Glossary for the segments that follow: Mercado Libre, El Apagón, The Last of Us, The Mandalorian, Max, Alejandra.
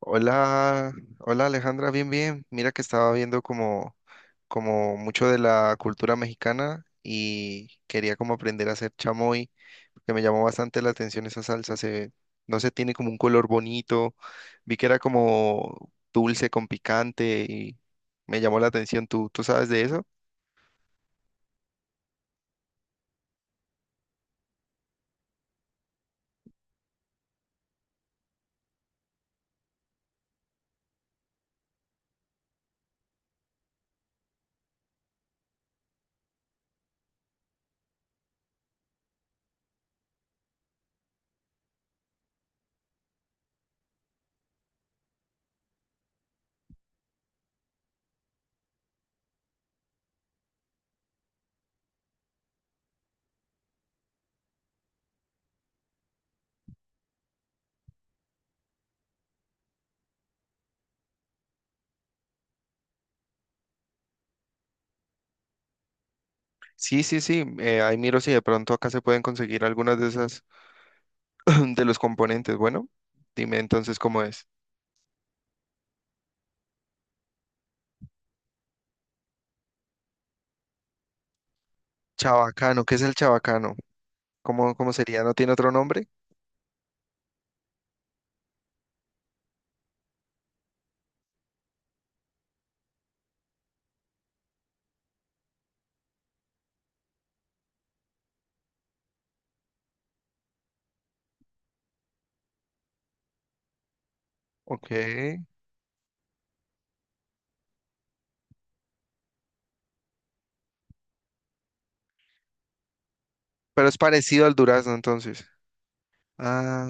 Hola, hola Alejandra, bien, bien. Mira que estaba viendo como mucho de la cultura mexicana y quería como aprender a hacer chamoy, porque me llamó bastante la atención esa salsa. No sé, tiene como un color bonito. Vi que era como dulce con picante y me llamó la atención. ¿Tú sabes de eso? Sí, sí, sí. Ahí miro si de pronto acá se pueden conseguir algunas de esas, de los componentes. Bueno, dime entonces cómo es. Chabacano, ¿qué es el chabacano? ¿Cómo sería? ¿No tiene otro nombre? Ok. Pero es parecido al durazno entonces. Ah,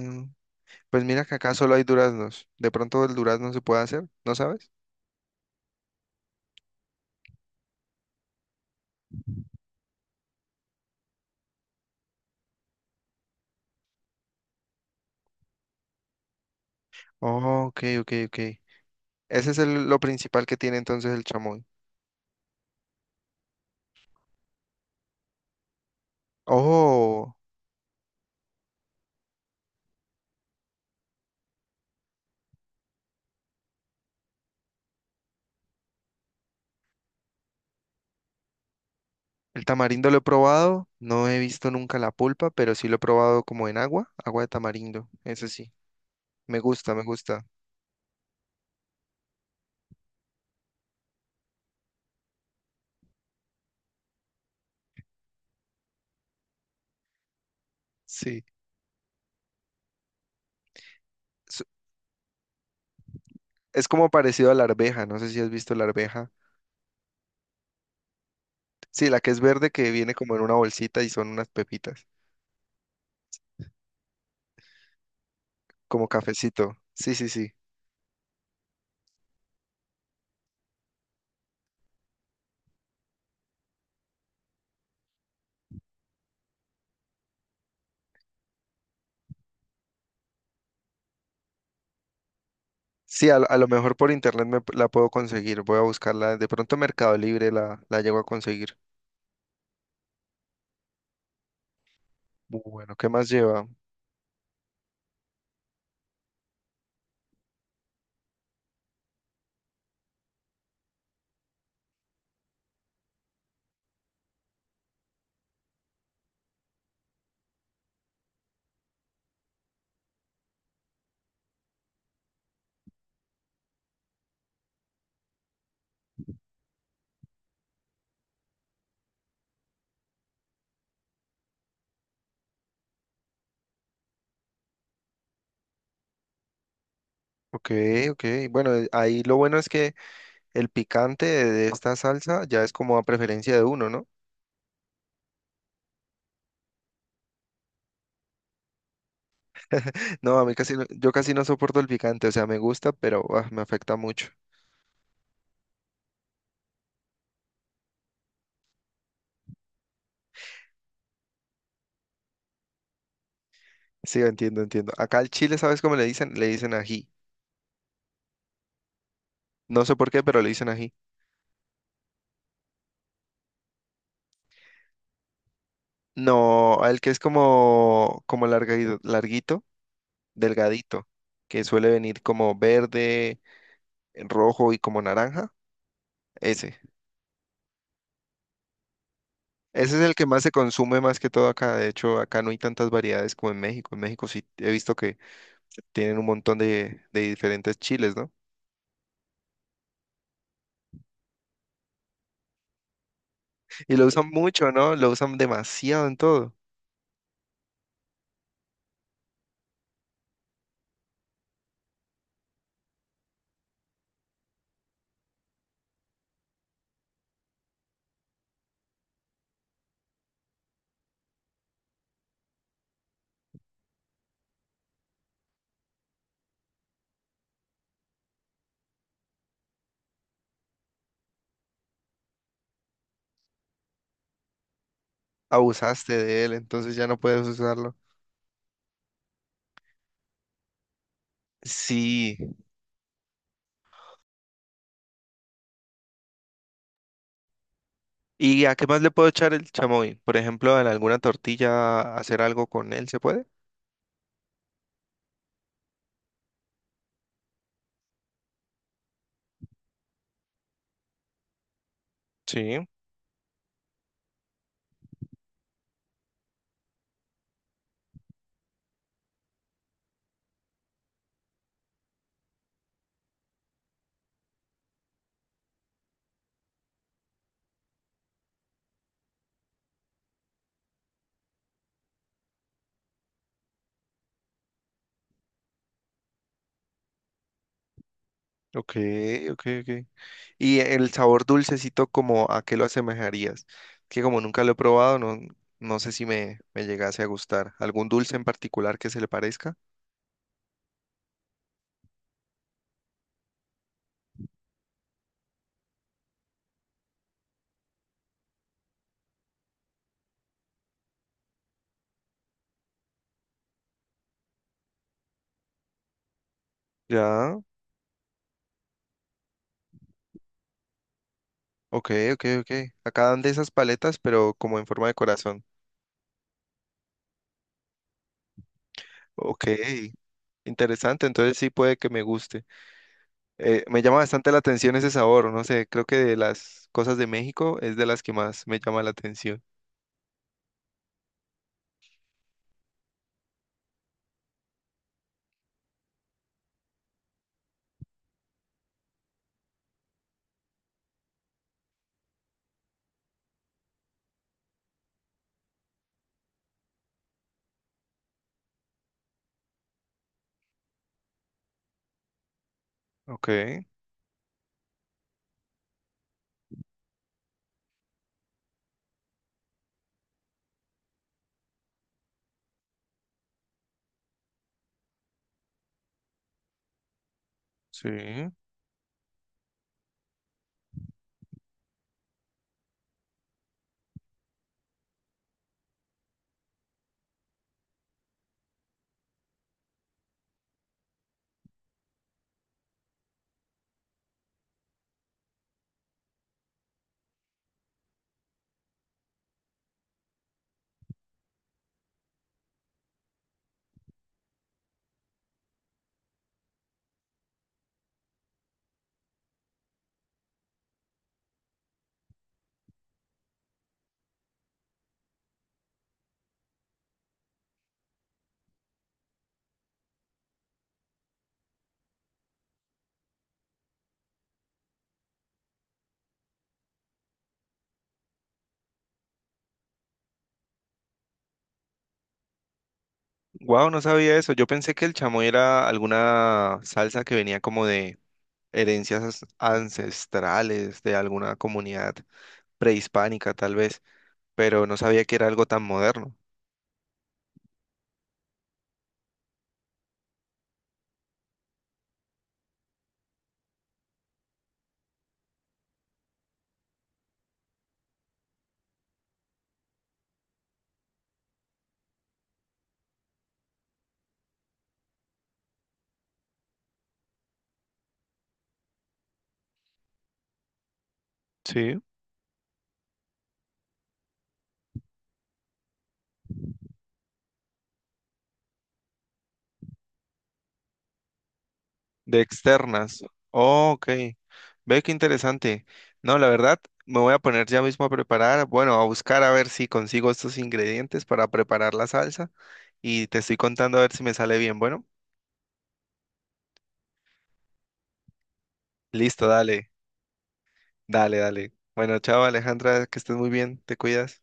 pues mira que acá solo hay duraznos. De pronto el durazno se puede hacer, ¿no sabes? Oh, ok, ok, ok. Lo principal que tiene entonces el chamoy. Oh, el tamarindo lo he probado. No he visto nunca la pulpa, pero sí lo he probado como en agua, agua de tamarindo. Ese sí. Me gusta, me gusta. Sí. Es, es como parecido a la arveja. No sé si has visto la arveja. Sí, la que es verde que viene como en una bolsita y son unas pepitas, como cafecito. Sí, sí, sí. Sí, a lo mejor por internet la puedo conseguir. Voy a buscarla. De pronto en Mercado Libre la llego a conseguir. Bueno, ¿qué más lleva? Ok, ok. Bueno, ahí lo bueno es que el picante de esta salsa ya es como a preferencia de uno, ¿no? No, a mí casi, no- yo casi no soporto el picante. O sea, me gusta, pero ah, me afecta mucho. Sí, entiendo, entiendo. Acá al chile, ¿sabes cómo le dicen? Le dicen ají. No sé por qué, pero le dicen ají. No, el que es como, como larguito, delgadito, que suele venir como verde, rojo y como naranja. Ese. Ese es el que más se consume más que todo acá. De hecho, acá no hay tantas variedades como en México. En México sí he visto que tienen un montón de diferentes chiles, ¿no? Y lo usan mucho, ¿no? Lo usan demasiado en todo. Abusaste de él, entonces ya no puedes usarlo. Sí. ¿Y a qué más le puedo echar el chamoy? Por ejemplo, en alguna tortilla hacer algo con él, ¿se puede? Sí, ok, ok, ok. Y el sabor dulcecito, ¿como a qué lo asemejarías? Que como nunca lo he probado, no sé si me llegase a gustar. ¿Algún dulce en particular que se le parezca? Ya, ok, ok, ok. Acá dan de esas paletas, pero como en forma de corazón. Ok. Interesante, entonces sí puede que me guste. Me llama bastante la atención ese sabor, no sé, creo que de las cosas de México es de las que más me llama la atención. Ok, sí. Wow, no sabía eso. Yo pensé que el chamoy era alguna salsa que venía como de herencias ancestrales de alguna comunidad prehispánica, tal vez, pero no sabía que era algo tan moderno. Sí. De externas. Oh, ok. Ve qué interesante. No, la verdad, me voy a poner ya mismo a preparar, bueno, a buscar a ver si consigo estos ingredientes para preparar la salsa y te estoy contando a ver si me sale bien. Bueno, listo, dale, dale, dale. Bueno, chao Alejandra, que estés muy bien, te cuidas.